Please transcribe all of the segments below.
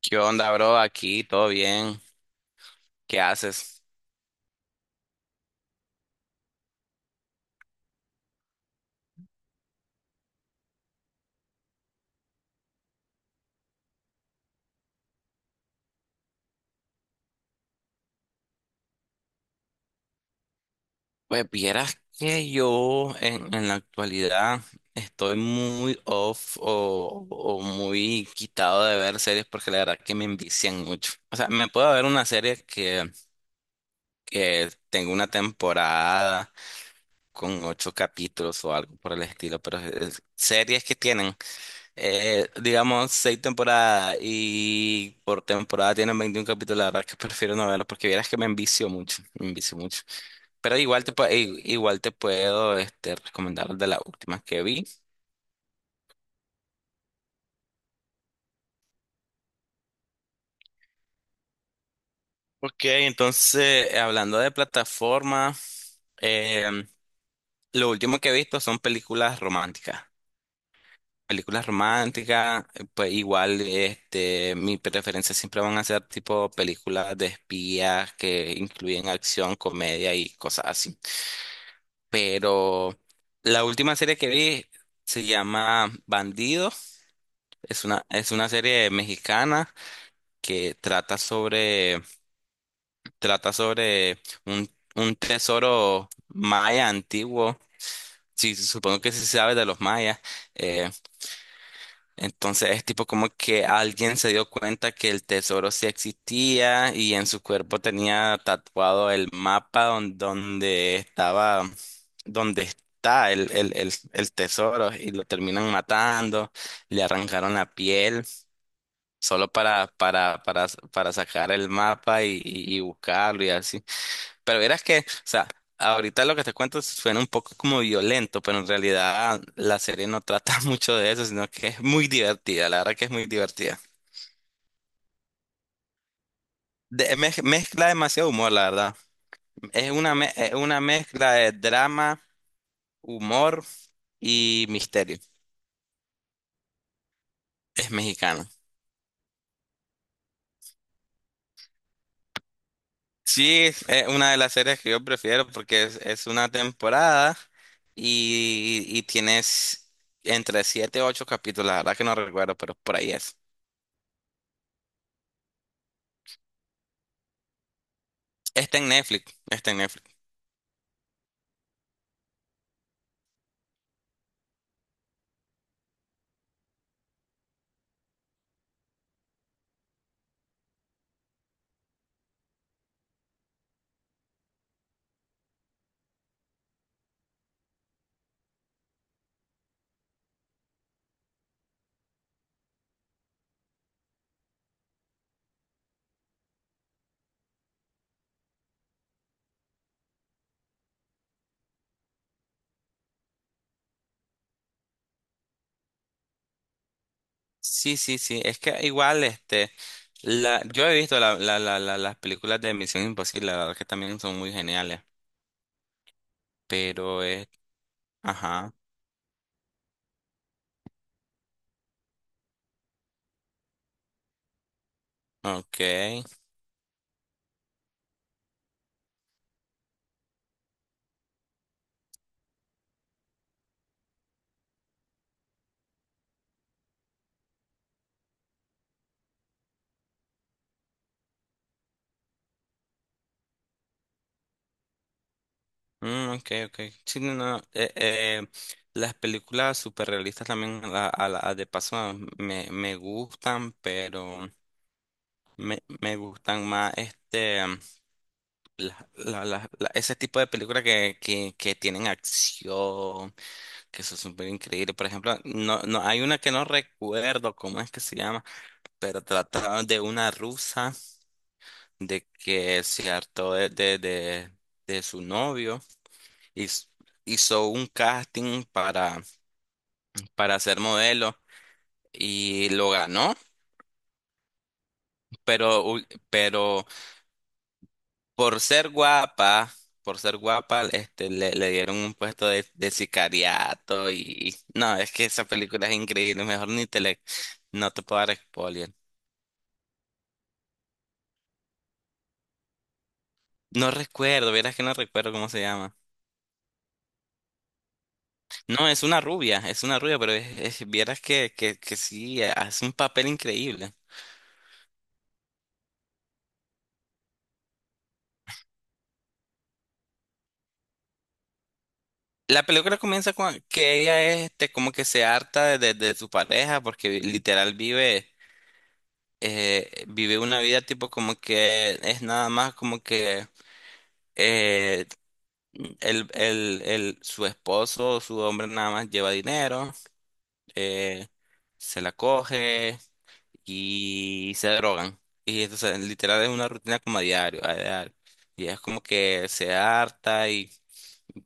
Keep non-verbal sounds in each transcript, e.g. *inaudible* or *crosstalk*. ¿Qué onda, bro? Aquí, todo bien. ¿Qué haces? Pues vieras que yo en la actualidad estoy muy off o muy quitado de ver series porque la verdad que me envician mucho. O sea, me puedo ver una serie que tengo una temporada con ocho capítulos o algo por el estilo, pero series que tienen, digamos, seis temporadas y por temporada tienen 21 capítulos. La verdad que *laughs* prefiero no verlos porque vieras que me envicio mucho, me envicio mucho. Pero igual te puedo recomendar de las últimas que vi. Ok, entonces, hablando de plataforma, em, lo último que he visto son películas románticas. Películas románticas, pues igual mi preferencia siempre van a ser tipo películas de espías que incluyen acción, comedia y cosas así. Pero la última serie que vi se llama Bandidos. Es una serie mexicana que trata sobre un, un tesoro maya antiguo. Sí, supongo que sí sabes de los mayas. eh, Entonces es tipo como que alguien se dio cuenta que el tesoro sí existía y en su cuerpo tenía tatuado el mapa donde está el tesoro y lo terminan matando, le arrancaron la piel solo para sacar el mapa y buscarlo y así. Pero verás que, o sea, ahorita lo que te cuento suena un poco como violento, pero en realidad la serie no trata *laughs* mucho de eso, sino que es muy divertida, la verdad que es muy divertida. Mezcla demasiado humor, la verdad. Es una mezcla de drama, humor y misterio. Es mexicano. Sí, es una de las series que yo prefiero porque es una temporada y tienes entre 7 y 8 capítulos, la verdad que no recuerdo, pero por ahí es. Está en Netflix, está en Netflix. Sí, sí, sí. Es que igual, yo he visto las películas de Misión Imposible, la verdad que también son muy geniales. Pero, es Ajá, ok. Mm, ok, ok. Sí, no, no. Las películas superrealistas también, de paso, me gustan, pero me gustan más, ese tipo de películas que tienen acción. Que eso es súper increíble. Por ejemplo, no, no, hay una que no recuerdo cómo es que se llama, pero trataba de una rusa de que se hartó de su novio y hizo un casting para ser modelo y lo ganó, pero por ser guapa, por ser guapa, le dieron un puesto de sicariato y no, es que esa película es increíble, mejor ni te le, no te puedo dar spoiler. No recuerdo, vieras que no recuerdo cómo se llama. No, es una rubia, pero vieras que sí, hace un papel increíble. La película comienza con que ella como que se harta de su pareja porque literal vive una vida tipo como que es nada más como que eh, su esposo, su hombre nada más lleva dinero, eh, se la coge y se drogan. Y entonces, literal, es una rutina como a diario, a diario. Y es como que se harta y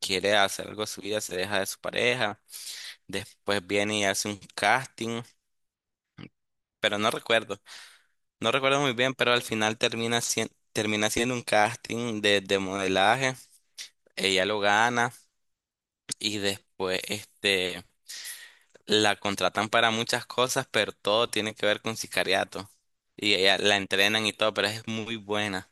quiere hacer algo de su vida, se deja de su pareja. Después viene y hace un casting, pero no recuerdo, no recuerdo muy bien, pero al final termina siendo, un casting de modelaje. Ella lo gana y después, la contratan para muchas cosas, pero todo tiene que ver con sicariato. Y ella la entrenan y todo, pero es muy buena.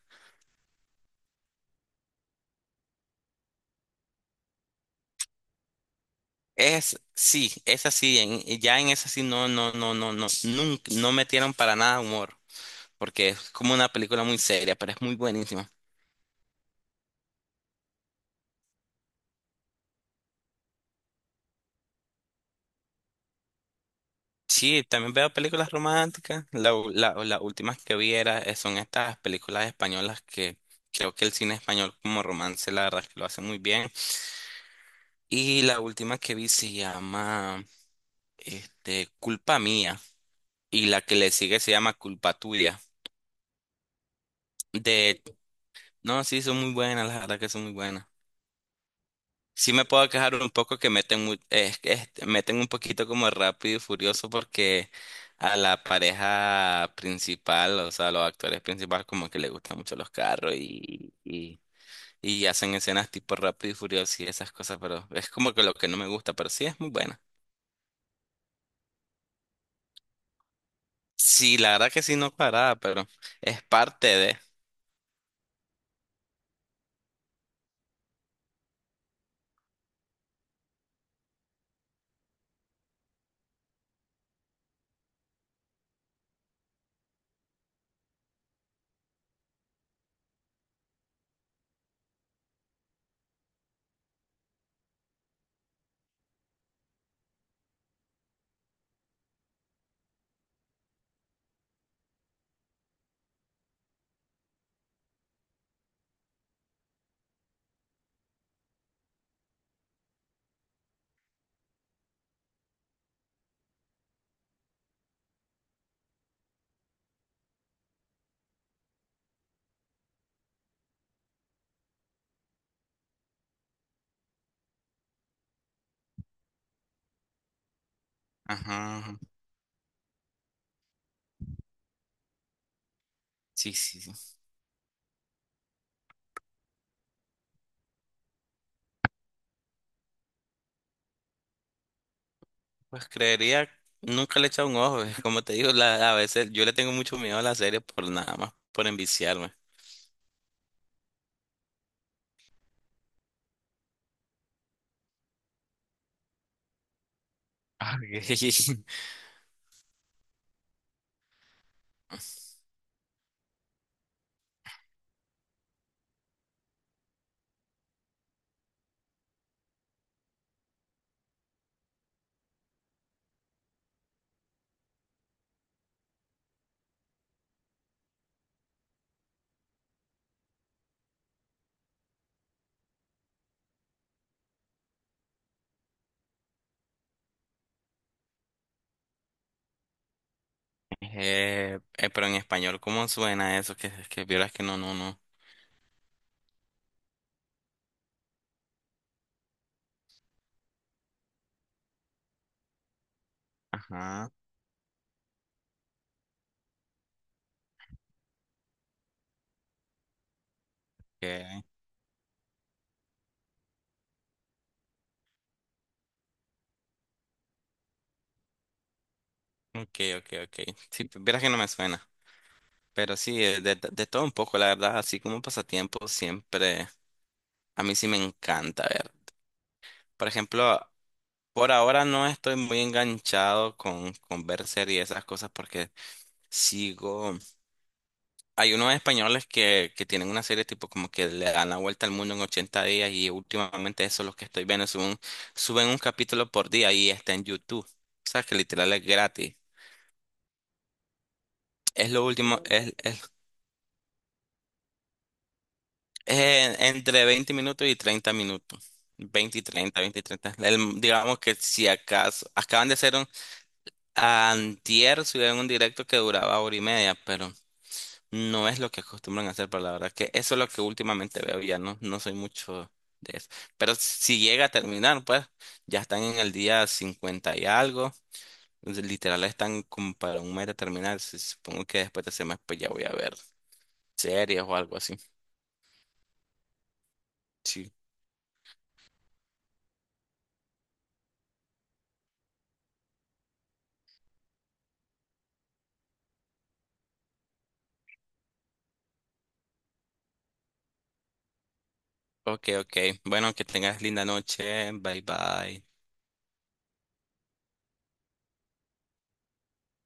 Es, sí, es así, ya en esa sí no, no, no, no, no, nunca, no metieron para nada humor, porque es como una película muy seria, pero es muy buenísima. Sí, también veo películas románticas, las últimas que vi era, son estas películas españolas que creo que el cine español como romance la verdad es que lo hace muy bien. Y la última que vi se llama, Culpa Mía, y la que le sigue se llama Culpa Tuya. De, no, sí, son muy buenas, la verdad que son muy buenas. Sí me puedo quejar un poco que meten, mu- es- meten un poquito como rápido y furioso porque a la pareja principal, o sea, a los actores principales como que les gustan mucho los carros y hacen escenas tipo rápido y furioso y esas cosas, pero es como que lo que no me gusta, pero sí es muy buena. Sí, la verdad que sí no cuadrada, pero es parte de. Ajá, sí, sí, sí. Pues creería, nunca le he echado un ojo, es como te digo, a veces yo le tengo mucho miedo a la serie por nada más, por enviciarme. Ah, ok. *laughs* Pero en español, ¿cómo suena eso? Que vieras que no, no, no. Ajá. Ok, ok, ok. Ok. Sí, pues, vieras que no me suena. Pero sí, de todo un poco, la verdad, así como pasatiempo, siempre a mí sí me encanta ver. Por ejemplo, por ahora no estoy muy enganchado con ver series y esas cosas porque sigo. Hay unos españoles que tienen una serie tipo como que le dan la vuelta al mundo en 80 días y últimamente eso es lo que estoy viendo. Suben un capítulo por día y está en YouTube. O sea que literal es gratis. Es lo último, es entre 20 minutos y 30 minutos. 20 y 30, 20 y 30. Digamos que si acaso, acaban de hacer antier subieron un directo que duraba hora y media, pero no es lo que acostumbran a hacer, pero la verdad que eso es lo que últimamente veo, ya no, no soy mucho de eso. Pero si llega a terminar, pues ya están en el día 50 y algo, entonces, literal están como para un mes de terminar, supongo que después de ese mes pues ya voy a ver series o algo así. Sí. Ok, ok. Bueno, que tengas linda noche, bye bye.